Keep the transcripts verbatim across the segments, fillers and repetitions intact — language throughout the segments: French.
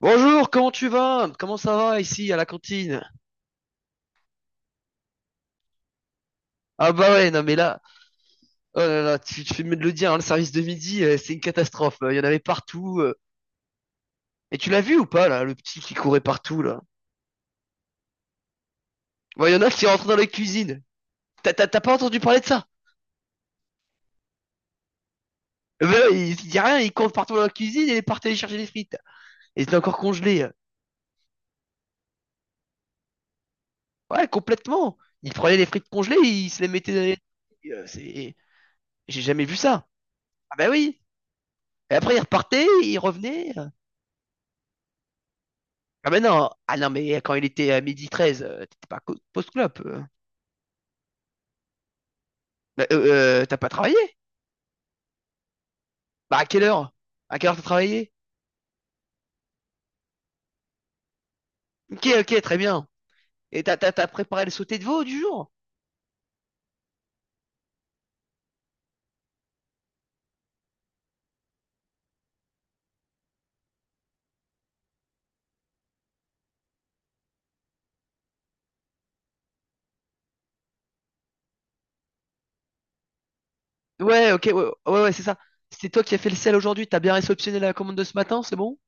Bonjour, comment tu vas? Comment ça va ici à la cantine? Ah bah ouais, non mais là, oh là là, tu, tu fais mieux de le dire, hein. Le service de midi, euh, c'est une catastrophe. euh, Il y en avait partout. euh. Et tu l'as vu ou pas là, le petit qui courait partout là? Ouais, il y en a qui rentrent dans la cuisine. T'as t'as- t'as pas entendu parler de ça? Eh ben, il, il dit rien, il court partout dans la cuisine et il partait aller chercher les frites. Et c'était encore congelé. euh. Ouais, complètement. Il prenait les frites congelées, il se les mettait dans les... Euh, c'est- J'ai jamais vu ça. Ah bah oui. Et après, il repartait, il revenait. Ah ben non, ah non mais quand il était à midi treize, euh, t'étais pas co- post-clope. euh. Bah, euh, euh, t'as pas travaillé? Bah à quelle heure? À quelle heure t'as travaillé? Ok, ok, très bien. Et t'as t'as t'as préparé le sauté de veau du jour? Ouais, ok, ouais, ouais, ouais, c'est ça. C'est toi qui as fait le sel aujourd'hui, t'as bien réceptionné la commande de ce matin, c'est bon?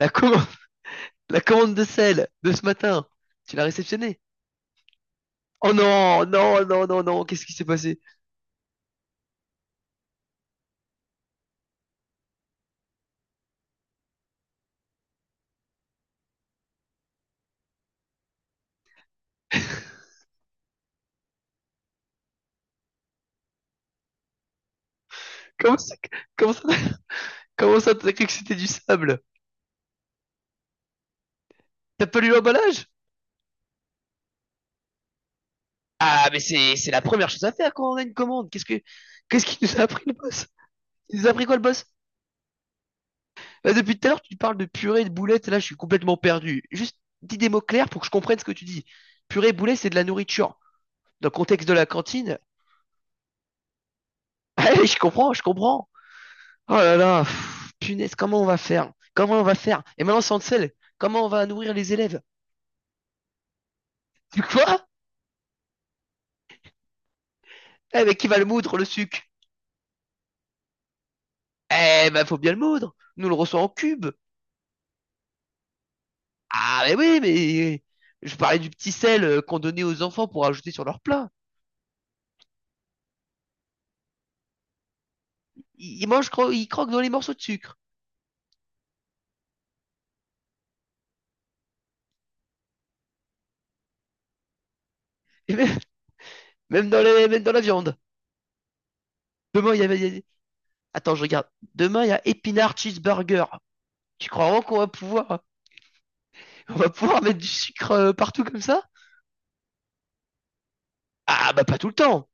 La commande, la commande de sel de ce matin, tu l'as réceptionnée? Oh non, non, non, non, non, qu'est-ce qui s'est passé? Comment ça, comment ça, comment ça t'as cru que c'était du sable? T'as pas lu l'emballage? Ah, mais c'est c'est la première chose à faire quand on a une commande. Qu'est-ce que qu'est-ce qu'il nous a appris, le boss? Il nous a appris quoi, le boss? Là, depuis tout à l'heure, tu parles de purée, de boulettes. Là, je suis complètement perdu. Juste dis des mots clairs pour que je comprenne ce que tu dis. Purée, boulette, c'est de la nourriture. Dans le contexte de la cantine, allez, je comprends, je comprends. Oh là là, pff, punaise, comment on va faire? Comment on va faire? Et maintenant, sans le sel, comment on va nourrir les élèves? Tu quoi? Eh, mais qui va le moudre, le sucre? Eh ben, faut bien le moudre. Nous on le reçoit en cube. Ah, mais oui, mais je parlais du petit sel euh, qu'on donnait aux enfants pour ajouter sur leur plat. Ils ils mangent, cro- ils croquent dans les morceaux de sucre. Et même, même dans les, même dans la viande. Demain, il y avait. Il y avait- Attends, je regarde. Demain, il y a épinard cheeseburger. Tu crois vraiment qu'on va pouvoir, on va pouvoir mettre du sucre euh, partout comme ça? Ah, bah, pas tout le temps.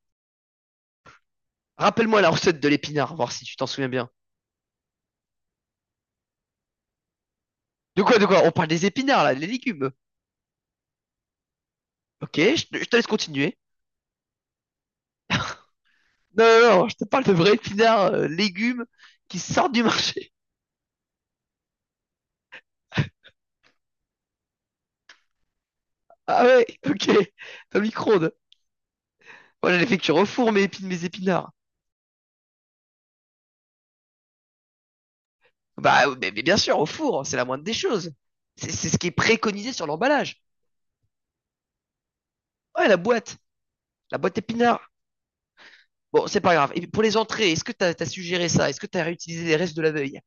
Rappelle-moi la recette de l'épinard, voir si tu t'en souviens bien. De quoi, de quoi? On parle des épinards, là, les légumes. Ok, je te, je te laisse continuer. Non, non, non, je te parle de vrais épinards, euh, légumes qui sortent du marché. Ah ouais, ok. Dans le micro-ondes. Moi, j'allais fait cuire au four mes épi- mes épinards. Bah, ouais, mais, mais bien sûr, au four, c'est la moindre des choses. C'est c'est ce qui est préconisé sur l'emballage. Ouais, la boîte, la boîte épinards. Bon, c'est pas grave. Et pour les entrées, est-ce que t'as as suggéré ça? Est-ce que t'as réutilisé les restes de la veille?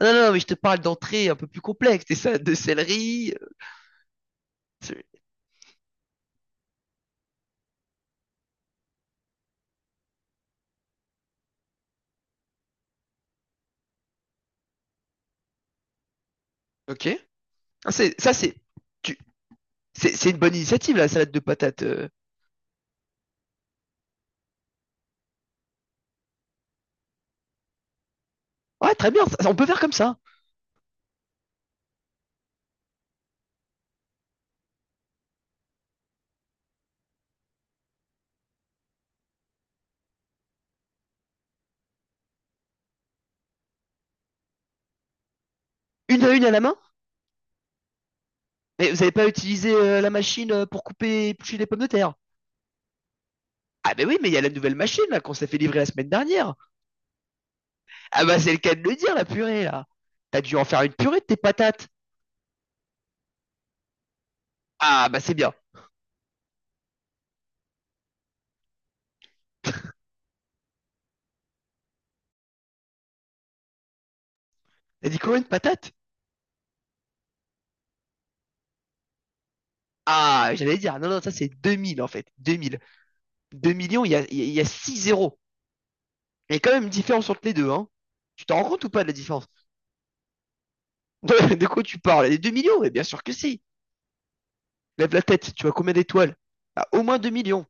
Ah non, non, mais je te parle d'entrées un peu plus complexes. Des salades de céleri. euh, c'est- Ok. Ah, c'est- ça, c'est tu- c'est c'est une bonne initiative, la salade de patates. euh. Ouais, très bien, ça- on peut faire comme ça. Une à une à la main? Mais vous n'avez pas utilisé euh, la machine euh, pour couper et éplucher les pommes de terre? Ah ben oui, mais il y a la nouvelle machine là qu'on s'est fait livrer la semaine dernière. Ah bah c'est le cas de le dire, la purée là. T'as dû en faire une purée de tes patates. Ah bah c'est bien. T'as dit combien de patates? Ah, j'allais dire, non, non, ça c'est deux mille en fait. Deux mille, deux millions, il y a, il y a six zéros. Il y a quand même une différence entre les deux, hein. Tu t'en rends compte ou pas de la différence? De quoi tu parles? Les deux millions? Eh bien sûr que si. Lève la tête, tu vois combien d'étoiles? Ah, au moins deux millions.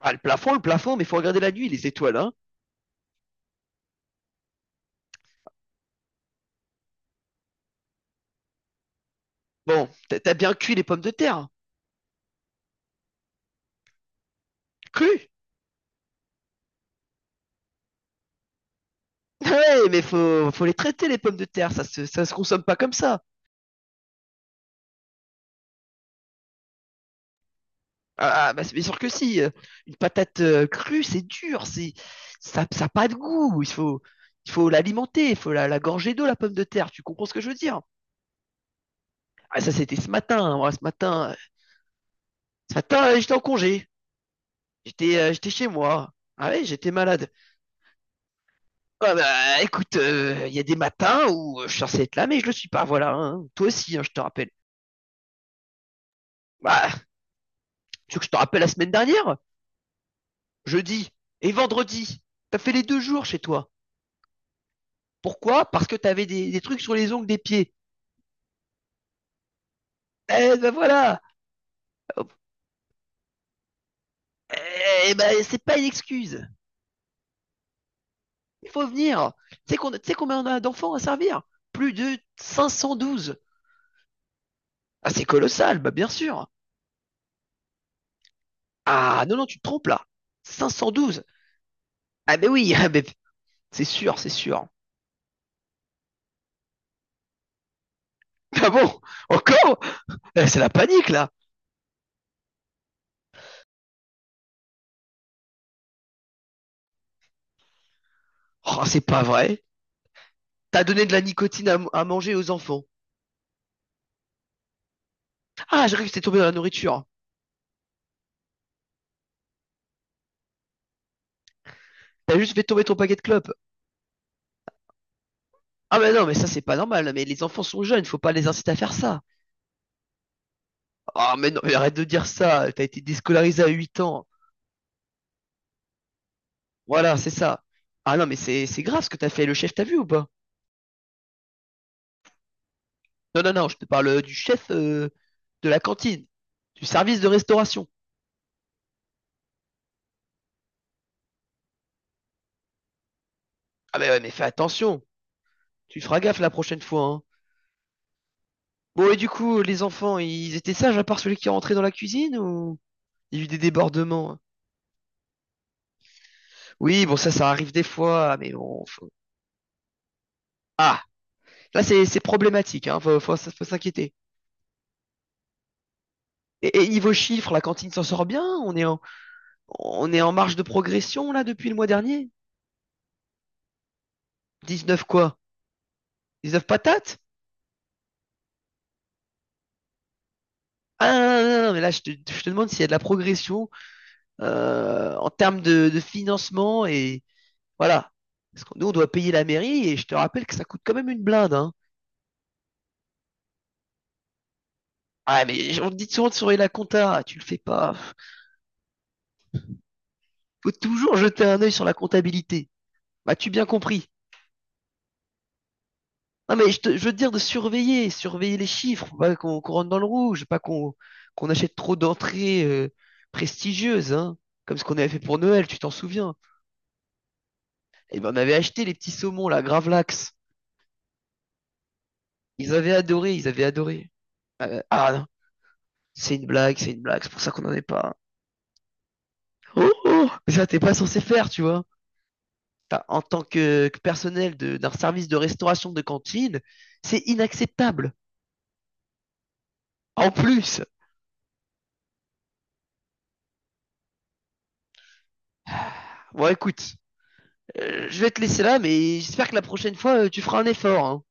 Ah, le plafond, le plafond, mais faut regarder la nuit, les étoiles, hein. Bon, t'as t'as bien cuit les pommes de terre. hein. Cru? Ouais, mais faut, faut les traiter, les pommes de terre, ça se, ça se consomme pas comme ça. Ah, ah, bah c'est bien sûr que si. euh, Une patate euh, crue, c'est dur, c'est, ça, ça a pas de goût. Il faut, il faut l'alimenter, il faut la, la gorger d'eau, la pomme de terre. Tu comprends ce que je veux dire? Ah, ça, c'était ce matin. hein. Moi, ce matin, Ce matin, euh, j'étais en congé. J'étais euh, j'étais chez moi. Ah ouais, j'étais malade. Ah bah écoute, euh, il y a des matins où euh, je suis censé être là, mais je le suis pas, voilà. Hein. Toi aussi, hein, je te rappelle. Bah, tu veux que je te rappelle la semaine dernière? Jeudi et vendredi. T'as fait les deux jours chez toi. Pourquoi? Parce que t'avais des, des trucs sur les ongles des pieds. Eh ben voilà! Eh ben c'est pas une excuse. Il faut venir. Tu sais qu'on, tu sais combien on a d'enfants à servir? Plus de cinq cent douze. Ah c'est colossal, bah bien sûr. Ah non, non, tu te trompes là. Cinq cent douze. Ah mais oui, ah, mais c'est sûr, c'est sûr. Ah bon? Encore? Eh, c'est la panique là. Oh, c'est pas vrai. T'as donné de la nicotine à, à manger aux enfants. Ah, j'ai cru que c'était tombé dans la nourriture. T'as juste fait tomber ton paquet de clopes. Ah mais non, mais ça c'est pas normal. Mais les enfants sont jeunes, faut pas les inciter à faire ça. Ah mais non, mais arrête de dire ça. T'as été déscolarisé à huit ans. Voilà, c'est ça. Ah non, mais c'est c'est grave ce que t'as fait. Le chef t'a vu ou pas? Non, non, non, je te parle euh, du chef euh, de la cantine, du service de restauration. Ah mais ouais, mais fais attention. Tu feras gaffe la prochaine fois, hein. Bon, et du coup, les enfants, ils étaient sages à part celui qui est rentré dans la cuisine ou il y a eu des débordements? Hein? Oui, bon, ça, ça arrive des fois, mais bon, faut- ah, là, c'est, c'est problématique, hein. Faut, faut, faut s'inquiéter. Et, et niveau chiffres, la cantine s'en sort bien? On est en, on est en marge de progression, là, depuis le mois dernier? Dix neuf quoi? Dix neuf patates? Ah, non, non, non, non, mais là, je te, je te demande s'il y a de la progression, euh, en termes de, de financement et, voilà. Parce que nous, on doit payer la mairie et je te rappelle que ça coûte quand même une blinde, hein. Ah, mais on te dit souvent de surveiller la compta. Ah, tu le fais pas. Faut toujours jeter un œil sur la comptabilité. M'as-tu bien compris? Non, mais je, te- je veux te dire de surveiller, surveiller les chiffres, faut pas qu'on qu'on rentre dans le rouge, pas qu'on qu'on achète trop d'entrées euh, prestigieuses, hein. Comme ce qu'on avait fait pour Noël, tu t'en souviens. Eh ben, on avait acheté les petits saumons, là, Gravlax. Ils avaient adoré, ils avaient adoré. Euh, ah non, c'est une blague, c'est une blague, c'est pour ça qu'on n'en est pas. Oh, oh, mais ça, t'es pas censé faire, tu vois. T'as- En tant que, que personnel de- d'un service de restauration de cantine, c'est inacceptable. En plus, bon, écoute, euh, je vais te laisser là, mais j'espère que la prochaine fois, euh, tu feras un effort, hein.